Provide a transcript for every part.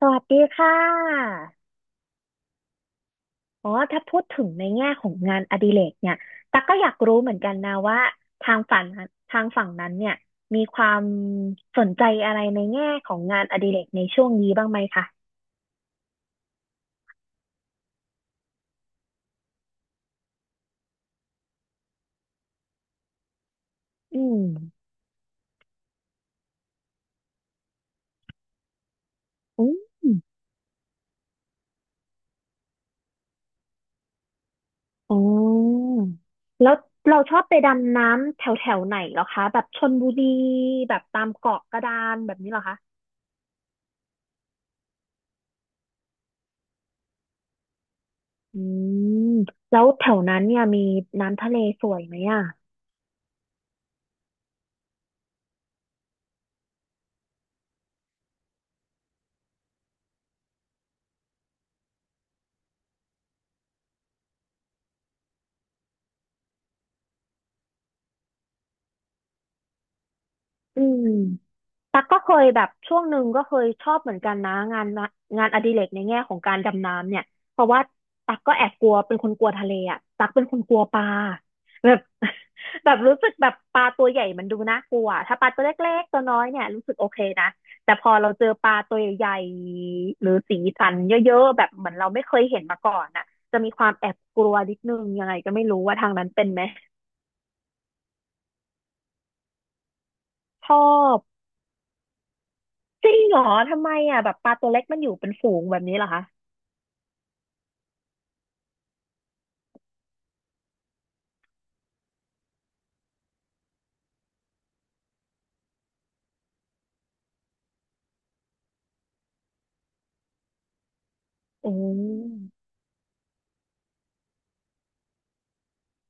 สวัสดีค่ะอ๋อถ้าพูดถึงในแง่ของงานอดิเรกเนี่ยตั๊กก็อยากรู้เหมือนกันนะว่าทางฝั่งนั้นเนี่ยมีความสนใจอะไรในแง่ของงานอดิเรกในช่วงนี้บ้างไหมคะอืมอืมอ๋อแล้วเราชอบไปดำน้ำแถวแถวไหนเหรอคะ แบบชลบุรีแบบตามเกาะกระดานแบบนี้เหรอคะอืมแล้วแถวนั้นเนี่ยมีน้ำทะเลสวยไหมอ่ะอืม ตักก็เคยแบบช่วงหนึ่งก็เคยชอบเหมือนกันนะงานละงานอดิเรกในแง่ของการดำน้ำเนี่ยเพราะว่าตักก็แอบกลัวเป็นคนกลัวทะเลอ่ะตักเป็นคนกลัวปลาแบบ แบบรู้สึกแบบปลาตัวใหญ่มันดูน่ากลัวถ้าปลาตัวเล็กๆตัวน้อยเนี่ยรู้สึกโอเคนะแต่พอเราเจอปลาตัวใหญ่หรือสีสันเยอะๆแบบเหมือนเราไม่เคยเห็นมาก่อนอ่ะจะมีความแอบกลัวนิดนึงยังไงก็ไม่รู้ว่าทางนั้นเป็นไหมชอบจริงเหรอทำไมอ่ะแบบปลาตัวเล็กมันอยู่เป็นฝูงแบบนี้เหรอคะ อืม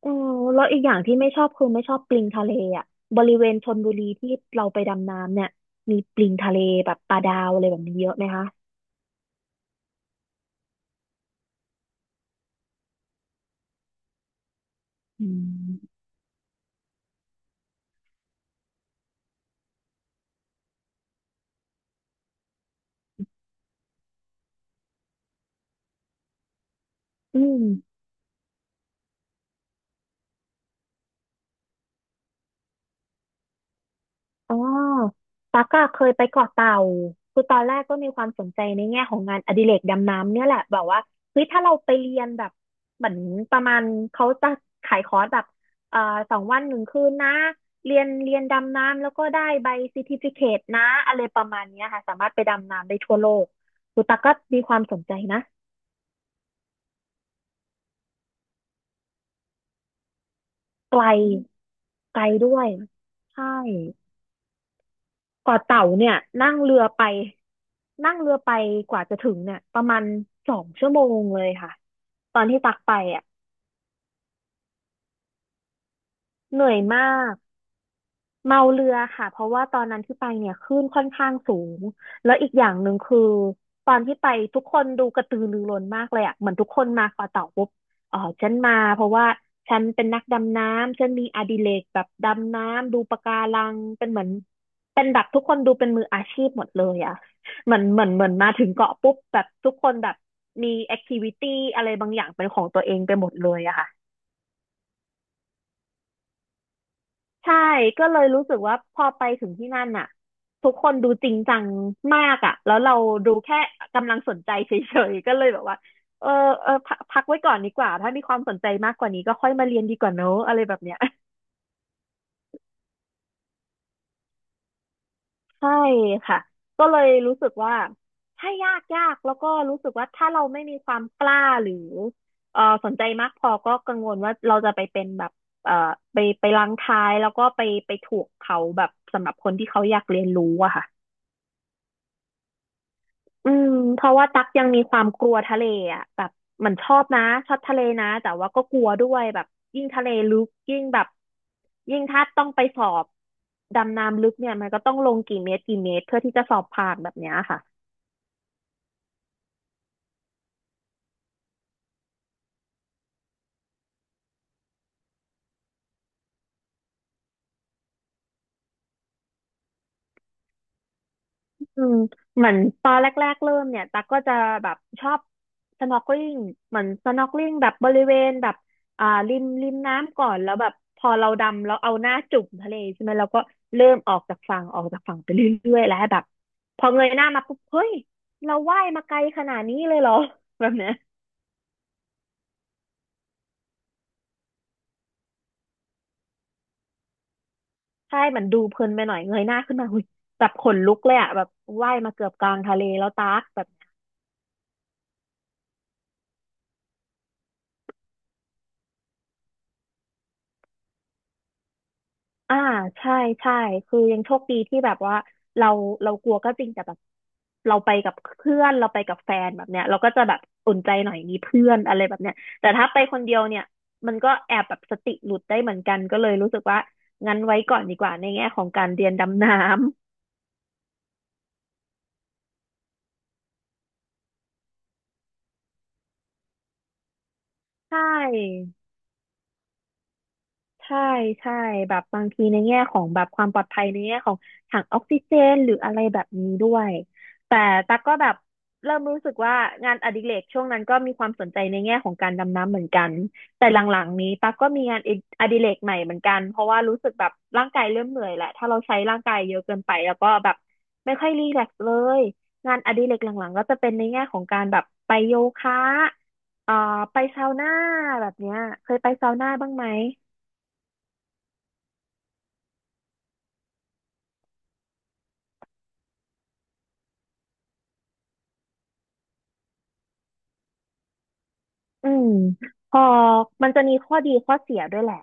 เออแล้วอีกอย่างที่ไม่ชอบคือไม่ชอบปลิงทะเลอ่ะบริเวณชลบุรีที่เราไปดำน้ำเนี่ย มีปลิงทะเลแบบปลาดาวอะไรแบบนี้เยอะไหมคะอืมอืม อ๋อตั๊กอะเคยไปเกาะเต่า คือตอนแรกก็มีความสนใจในแง่ของงานอดิเรกดำน้ำเนี่ยแหละ แบบว่าเฮ้ยถ้าเราไปเรียนแบบเหมือนประมาณเขาจะขายคอร์สแบบเอ่อ2 วัน 1 คืนนะเรียนดำน้ำแล้วก็ได้ใบซ e ติฟิเค e นะอะไรประมาณเนี้ยค่ะ สามารถไปดำน้ำได้ทั่วโลกคือตั๊กก็มีความสนใจนะไกลไกลด้วยใช่ เกาะเต่าเนี่ยนั่งเรือไปนั่งเรือไปกว่าจะถึงเนี่ยประมาณ2 ชั่วโมงเลยค่ะตอนที่ตักไปอ่ะเหนื่อยมาก เมาเรือค่ะเพราะว่าตอนนั้นที่ไปเนี่ยคลื่นค่อนข้างสูงแล้วอีกอย่างหนึ่งคือตอนที่ไปทุกคนดูกระตือรือร้นมากเลยอ่ะเหมือนทุกคนมาขอเต่าปุ๊บอ๋อฉันมาเพราะว่าฉันเป็นนักดำน้ำฉันมีอดิเรกแบบดำน้ำดูปะการังเป็นเหมือนเป็นแบบทุกคนดูเป็นมืออาชีพหมดเลยอ่ะเหมือนมาถึงเกาะปุ๊บแบบทุกคนแบบมีแอคทิวิตี้อะไรบางอย่างเป็นของตัวเองไปหมดเลยอะค่ะ ใช่ก็เลยรู้สึกว่าพอไปถึงที่นั่นน่ะทุกคนดูจริงจังมากอ่ะแล้วเราดูแค่กำลังสนใจเฉยๆก็เลยแบบว่าเออเออพักพักไว้ก่อนดีกว่าถ้ามีความสนใจมากกว่านี้ก็ค่อยมาเรียนดีกว่าเนอะอะไรแบบเนี้ยใช่ค่ะก็เลยรู้สึกว่าถ้ายากยากแล้วก็รู้สึกว่าถ้าเราไม่มีความกล้าหรือเออสนใจมากพอก็กังวลว่าเราจะไปเป็นแบบเออไปรังท้ายแล้วก็ไปถูกเขาแบบสำหรับคนที่เขาอยากเรียนรู้อะค่ะ อืมเพราะว่าตักยังมีความกลัวทะเลอ่ะแบบเหมันชอบนะชอบทะเลนะแต่ว่าก็กลัวด้วยแบบยิ่งทะเลลึกยิ่งแบบยิ่งถ้าต้องไปสอบดำน้ำลึกเนี่ยมันก็ต้องลงกี่เมตรกี่เมตรเพื่อที่จะสอบผ่านแบบเนี้ยค่ะ อืมเหมือนตอนแรกๆเริ่มเนี่ยตักก็จะแบบชอบ snorkeling เหมือน snorkeling แบบบริเวณแบบอ่าริมริมน้ำก่อนแล้วแบบพอเราดำแล้วเอาหน้าจุ่มทะเลใช่ไหมเราก็เริ่มออกจากฝั่งออกจากฝั่งไปเรื่อยๆแล้วแบบพอเงยหน้ามาปุ๊บเฮ้ยเราว่ายมาไกลขนาดนี้เลยเหรอ แบบเนี้ยใช่มันดูเพลินไปหน่อยเงยหน้าขึ้นมาหุยแบบขนลุกเลยอะแบบว่ายมาเกือบกลางทะเลแล้วตักแบบ อ่าใช่ใช่คือยังโชคดีที่แบบว่าเราเรากลัวก็จริงแต่แบบเราไปกับเพื่อนเราไปกับแฟนแบบเนี้ยเราก็จะแบบอุ่นใจหน่อยมีเพื่อนอะไรแบบเนี้ยแต่ถ้าไปคนเดียวเนี่ยมันก็แอบแบบสติหลุดได้เหมือนกันก็เลยรู้สึกว่างั้นไว้ก่อนดีกว่าในแง่ของการเรียนดำน้ำ ใช่ ใช่ใช่แบบบางทีในแง่ของแบบความปลอดภัยในแง่ของถังออกซิเจนหรืออะไรแบบนี้ด้วยแต่ตั๊กก็แบบเริ่มรู้สึกว่างานอดิเรกช่วงนั้นก็มีความสนใจในแง่ของการดำน้ำเหมือนกันแต่หลังๆนี้ตั๊กก็มีงานอดิเรกใหม่เหมือนกันเพราะว่ารู้สึกแบบร่างกายเริ่มเหนื่อยแหละถ้าเราใช้ร่างกายเยอะเกินไปแล้วก็แบบไม่ค่อยรีแลกซ์เลยงานอดิเรกหลังๆก็จะเป็นในแง่ของการแบบไปโยคะเอ่อไปซาวน่าแบบเนี้ยเคยไปซาวน่าบ้างไหม อืมพอมันจะมีข้อดีข้อเสียด้วยแหละ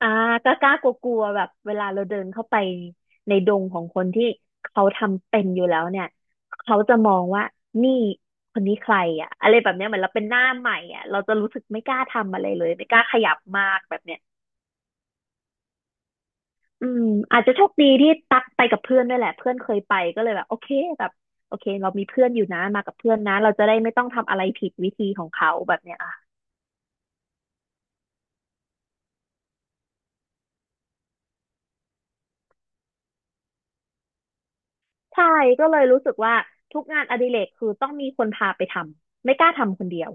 อ่ากล้ากล้ากลัวกลัวแบบเวลาเราเดินเข้าไปในดงของคนที่เขาทำเป็นอยู่แล้วเนี่ยเขาจะมองว่านี่คนนี้ใครอ่ะอะไรแบบเนี้ยเหมือนเราเป็นหน้าใหม่อ่ะเราจะรู้สึกไม่กล้าทำอะไรเลยไม่กล้าขยับมากแบบเนี้ยอืมอาจจะโชคดีที่ตักไปกับเพื่อนด้วยแหละเพื่อนเคยไปก็เลยแบบโอเคแบบโอเคเรามีเพื่อนอยู่นะมากับเพื่อนนะเราจะได้ไม่ต้องทำอะไรผิดวิธีของเขาแบบเนี้ย ใช่ก็เลยรู้สึกว่าทุกงานอดิเรกคือต้องมีคนพาไปทำไม่กล้าทำคนเดียว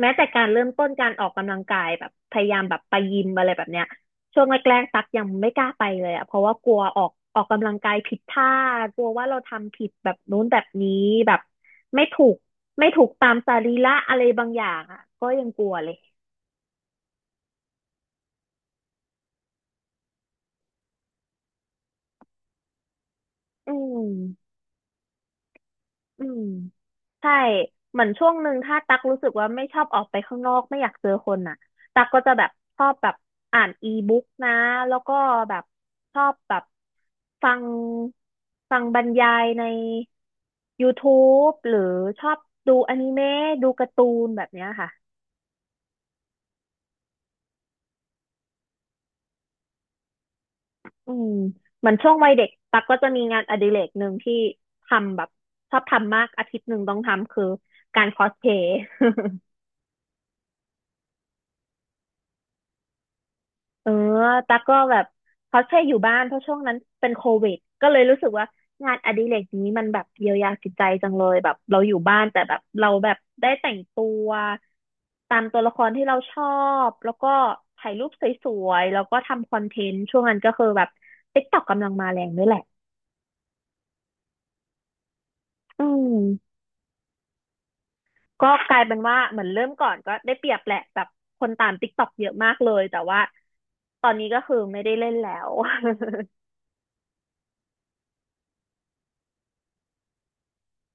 แม้แต่การเริ่มต้นการออกกำลังกายแบบพยายามแบบไปยิมอะไรแบบเนี้ยช่วงแรกๆตักยังไม่กล้าไปเลยอะเพราะว่ากลัวออกกำลังกายผิดท่ากลัวว่าเราทำผิดแบบนู้นแบบนี้แบบไม่ถูกไม่ถูกตามสรีระอะไรบางอย่างอะก็ยังกลัวเลยอืม อืมใช่เหมือนช่วงหนึ่งถ้าตักรู้สึกว่าไม่ชอบออกไปข้างนอกไม่อยากเจอคนน่ะตักก็จะแบบชอบแบบอ่านอีบุ๊กนะแล้วก็แบบชอบแบบฟังฟังบรรยายใน YouTube หรือชอบดูอนิเมะดูการ์ตูนแบบเนี้ยค่ะอืมเหมือนช่วงวัยเด็กตักก็จะมีงานอดิเรกหนึ่งที่ทำแบบชอบทำมากอาทิตย์หนึ่งต้องทำคือการคอสเพลย์ เออตั๊กก็แบบเขาใช่อยู่บ้านเพราะช่วงนั้นเป็นโควิดก็เลยรู้สึกว่างานอดิเรกนี้มันแบบเยียวยาจิตใจจังเลยแบบเราอยู่บ้านแต่แบบเราแบบได้แต่งตัวตามตัวละครที่เราชอบแล้วก็ถ่ายรูปสวยๆแล้วก็ทำคอนเทนต์ช่วงนั้นก็คือแบบ TikTok กต็อกกำลังมาแรงด้วยแหละอืมก็กลายเป็นว่าเหมือนเริ่มก่อนก็ได้เปรียบแหละแบบคนตามติ๊กต็อกเยอะมากเลยแต่ว่าตอนนี้ก็คือไม่ได้เล่นแล้ว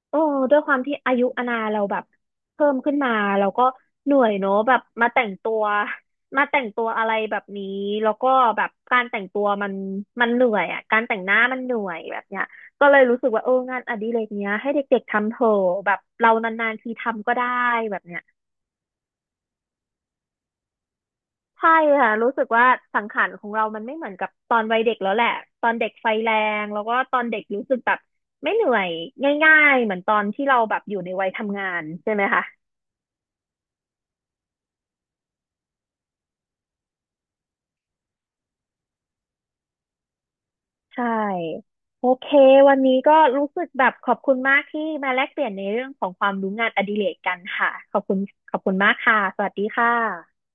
โอ้ด้วยความที่อายุอาณาเราแบบเพิ่มขึ้นมาเราก็เหนื่อยเนอะแบบมาแต่งตัว มาแต่งตัวอะไรแบบนี้แล้วก็แบบการแต่งตัวมันเหนื่อยอ่ะการแต่งหน้ามันเหนื่อยแบบเนี้ยก็เลยรู้สึกว่าเอองานอดิเรกเนี้ยให้เด็กๆทำเถอะแบบเรานานๆทีทำก็ได้แบบเนี้ยใช่ค่ะรู้สึกว่าสังขารของเรามันไม่เหมือนกับตอนวัยเด็กแล้วแหละตอนเด็กไฟแรงแล้วก็ตอนเด็กรู้สึกแบบไม่เหนื่อยง่ายๆเหมือนตอนที่เราแบบอยู่ในวัยทำงานใช่ไหมคะ ใช่โอเควันนี้ก็รู้สึกแบบขอบคุณมากที่มาแลกเปลี่ยนในเรื่องของความรู้งานอดิเรกกันค่ะขอบคุณขอบคุณมากค่ะสวัสดีค่ะ